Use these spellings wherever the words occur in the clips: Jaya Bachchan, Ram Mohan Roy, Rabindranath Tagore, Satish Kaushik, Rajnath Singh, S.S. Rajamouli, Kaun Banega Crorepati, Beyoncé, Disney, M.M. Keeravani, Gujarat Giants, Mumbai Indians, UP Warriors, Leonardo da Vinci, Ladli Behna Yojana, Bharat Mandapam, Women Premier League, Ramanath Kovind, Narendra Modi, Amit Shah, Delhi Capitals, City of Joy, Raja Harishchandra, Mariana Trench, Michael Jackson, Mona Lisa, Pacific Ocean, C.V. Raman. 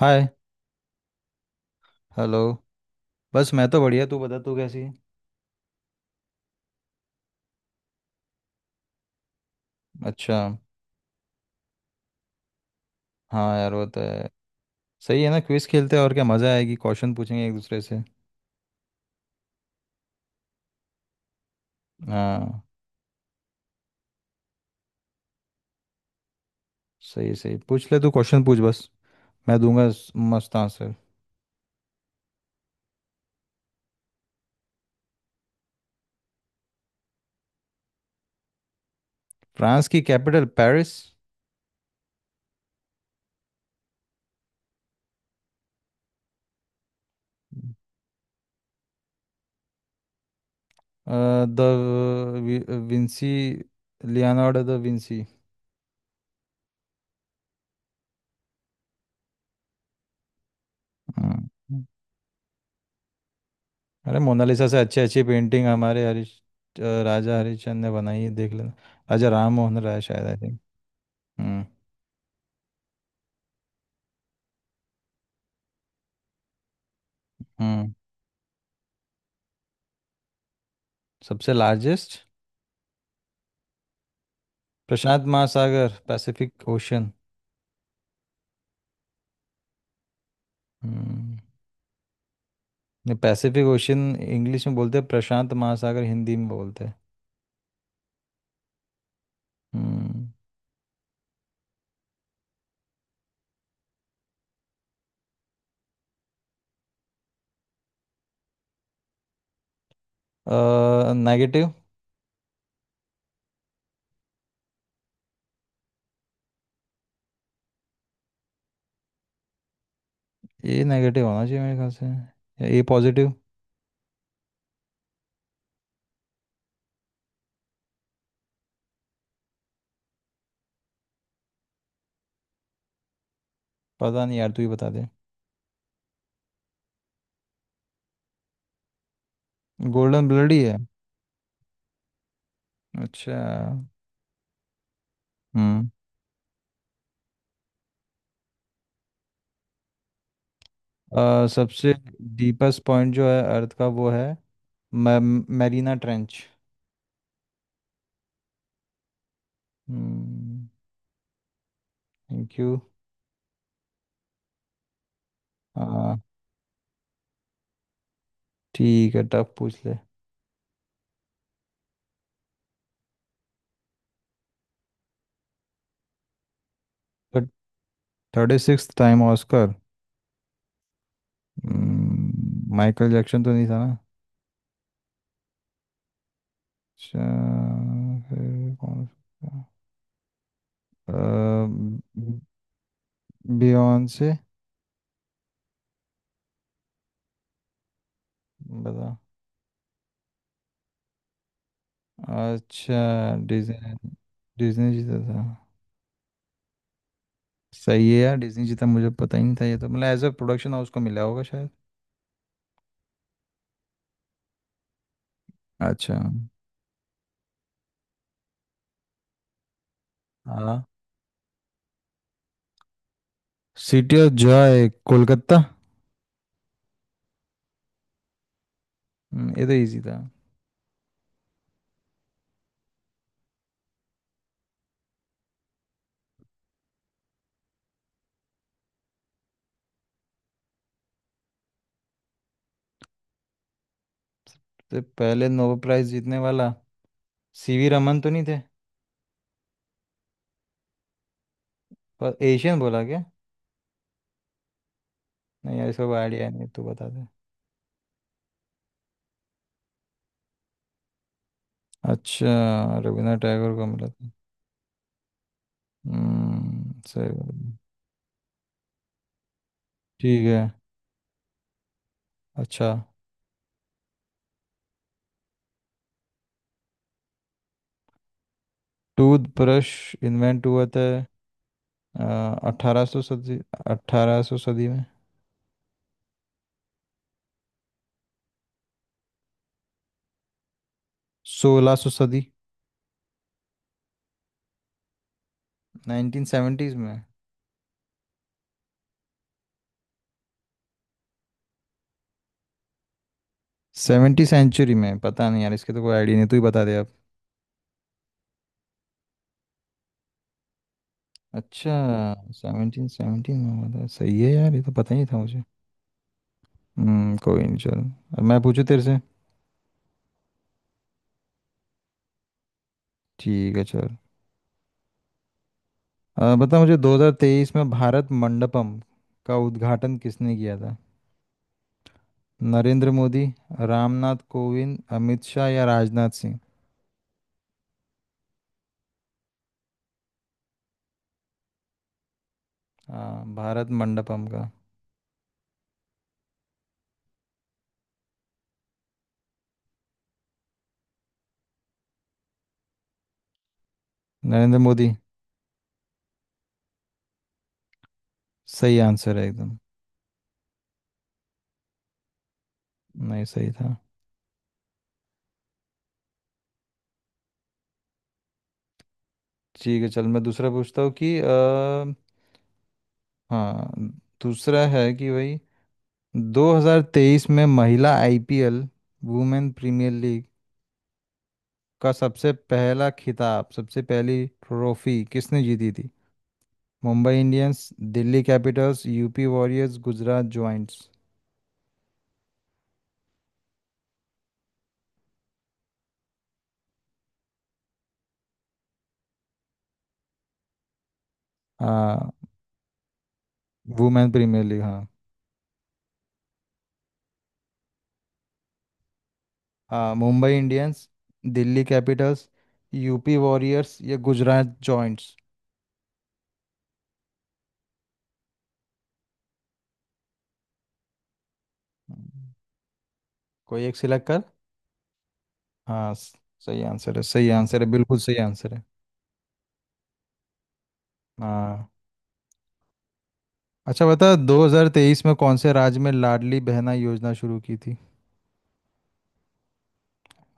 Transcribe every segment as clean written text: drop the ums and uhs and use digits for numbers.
हाय। Hello. बस, मैं तो बढ़िया। तू बता, तू कैसी है? अच्छा। हाँ यार, वो तो है। सही है ना, क्विज खेलते हैं। और क्या मज़ा आएगी, क्वेश्चन पूछेंगे एक दूसरे से। हाँ। सही सही, पूछ ले तू। क्वेश्चन पूछ बस, मैं दूंगा मस्त आंसर। फ्रांस की capital Paris. Da Vinci. Leonardo da Vinci. हम्म। अरे मोनालिसा से अच्छी अच्छी पेंटिंग हमारे हरीश, राजा हरिश्चंद्र ने बनाई है, देख लेना। राजा राम मोहन राय, शायद, आई थिंक। हम्म। हम्म। सबसे लार्जेस्ट। प्रशांत महासागर, पैसिफिक ओशन। हम्म। नहीं, पैसिफिक ओशन इंग्लिश में बोलते हैं, प्रशांत महासागर हिंदी में बोलते हैं। हम्म। नेगेटिव। ये नेगेटिव होना चाहिए मेरे ख्याल से, या ए पॉजिटिव। पता नहीं यार, तू ही बता दे। गोल्डन ब्लड ही है। अच्छा। हम्म। सबसे डीपेस्ट पॉइंट जो है अर्थ का, वो है मैरीना ट्रेंच। हम्म। Thank you. हाँ, ठीक है, टफ पूछ ले। Thirty six time Oscar. Michael Jackson तो नहीं था ना? अच्छा, फिर कौन? अ, बियॉन्से। बता। अच्छा, डिज्नी। डिज्नी जीता था। सही है यार, डिज्नी जीता, मुझे पता ही नहीं था ये तो। मतलब एज अ प्रोडक्शन हाउस को मिला होगा शायद। अच्छा। हाँ। City of joy Kolkata. ये तो इजी था। तो पहले नोबेल प्राइज जीतने वाला सीवी रमन तो नहीं थे? पर एशियन बोला क्या? नहीं यार, इसका कोई आइडिया नहीं, तो बता दे। अच्छा, रविन्द्रनाथ टैगोर को मिला था। हम्म, सही बात है। ठीक है। अच्छा, टूथब्रश इन्वेंट हुआ था। अठारह सौ सदी। अठारह सौ सदी में। सोलह सौ सदी। नाइनटीन सेवेंटीज में। सेवेंटी सेंचुरी में, पता नहीं यार, इसके तो कोई आइडिया नहीं, तू ही बता दे आप। अच्छा, सेवनटीन सेवनटीन में हुआ था, सही है यार, ये तो पता ही नहीं था मुझे। हम्म, कोई नहीं, चल, अब मैं पूछू तेरे से। ठीक है, चल। बता मुझे, 2023 में भारत मंडपम का उद्घाटन किसने किया था? नरेंद्र मोदी, रामनाथ कोविंद, अमित शाह या राजनाथ सिंह? हाँ, भारत मंडपम का। नरेंद्र मोदी सही आंसर है एकदम। नहीं, सही था। ठीक है चल, मैं दूसरा पूछता हूँ कि हाँ, दूसरा है कि भाई, 2023 में महिला आईपीएल, वुमेन प्रीमियर लीग का सबसे पहला खिताब, सबसे पहली ट्रॉफी किसने जीती थी? Mumbai Indians, Delhi Capitals, UP Warriors, Gujarat Giants. हाँ, वुमेन प्रीमियर लीग, हाँ। हाँ, Mumbai Indians, Delhi Capitals, UP Warriors या गुजरात जॉइंट्स। कोई एक सिलेक्ट कर। हाँ सही आंसर है, सही आंसर है, बिल्कुल सही आंसर है। हाँ। अच्छा, बता, 2023 में कौन से राज्य में लाडली बहना योजना शुरू की थी?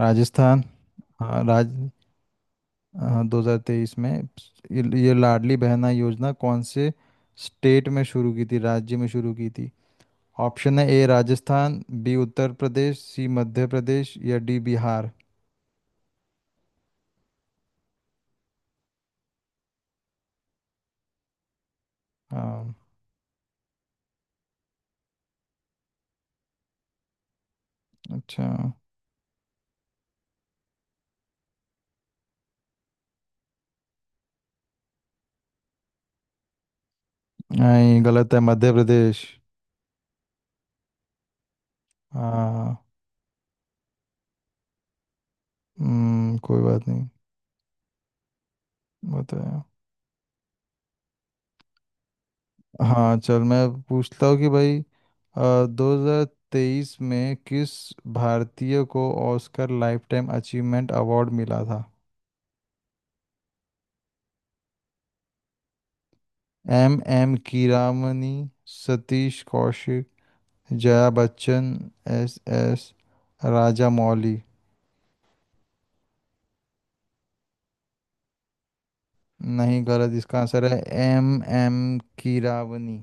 राजस्थान, हाँ राज, हाँ, दो हजार तेईस में ये लाडली बहना योजना कौन से स्टेट में शुरू की थी, राज्य में शुरू की थी। ऑप्शन है A Rajasthan, B Uttar Pradesh, C Madhya Pradesh या डी बिहार। हाँ। अच्छा। नहीं, गलत है, मध्य प्रदेश। हाँ। कोई बात नहीं। बताया। हाँ चल, मैं पूछता हूँ कि भाई, 2023 में किस भारतीय को ऑस्कर लाइफटाइम अचीवमेंट अवार्ड मिला था? M M Keeravani, Satish Kaushik, Jaya Bachchan, S S Rajamouli. नहीं, गलत। इसका आंसर है एम एम कीरावनी।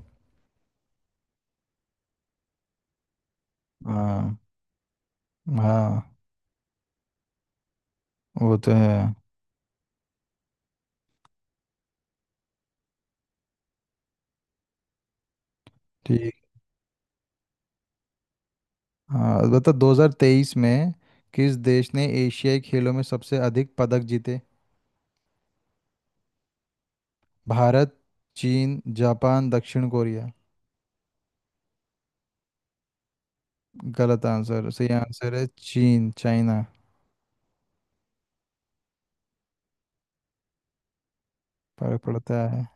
हाँ। हाँ, वो तो है। ठीक। हाँ बता, 2023 में किस देश ने एशियाई खेलों में सबसे अधिक पदक जीते? भारत, चीन, जापान, दक्षिण कोरिया। गलत आंसर। सही आंसर है चीन, चाइना। फर्क पड़ता है।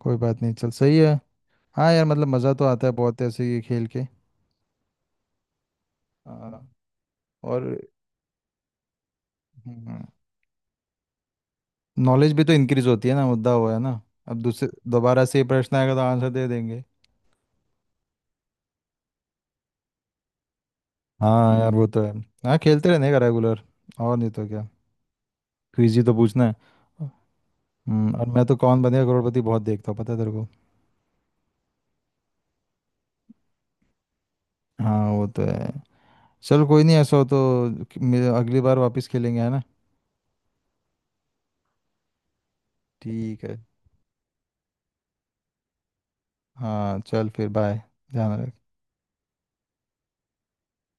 कोई बात नहीं, चल सही है। हाँ यार, मतलब मज़ा तो आता है बहुत ऐसे ये खेल के। हाँ, और नॉलेज भी तो इंक्रीज होती है ना, मुद्दा हुआ है ना। अब दूसरे दोबारा से ये प्रश्न आएगा तो आंसर दे देंगे। हाँ यार, वो तो है। हाँ, खेलते रहने का रेगुलर। और नहीं तो क्या, क्विज ही तो पूछना है। और मैं तो कौन बनेगा करोड़पति बहुत देखता हूँ, पता है तेरे को। हाँ, वो तो है। चल कोई नहीं, ऐसा हो तो अगली बार वापस खेलेंगे, है ना। ठीक है। हाँ चल, फिर बाय, ध्यान रख।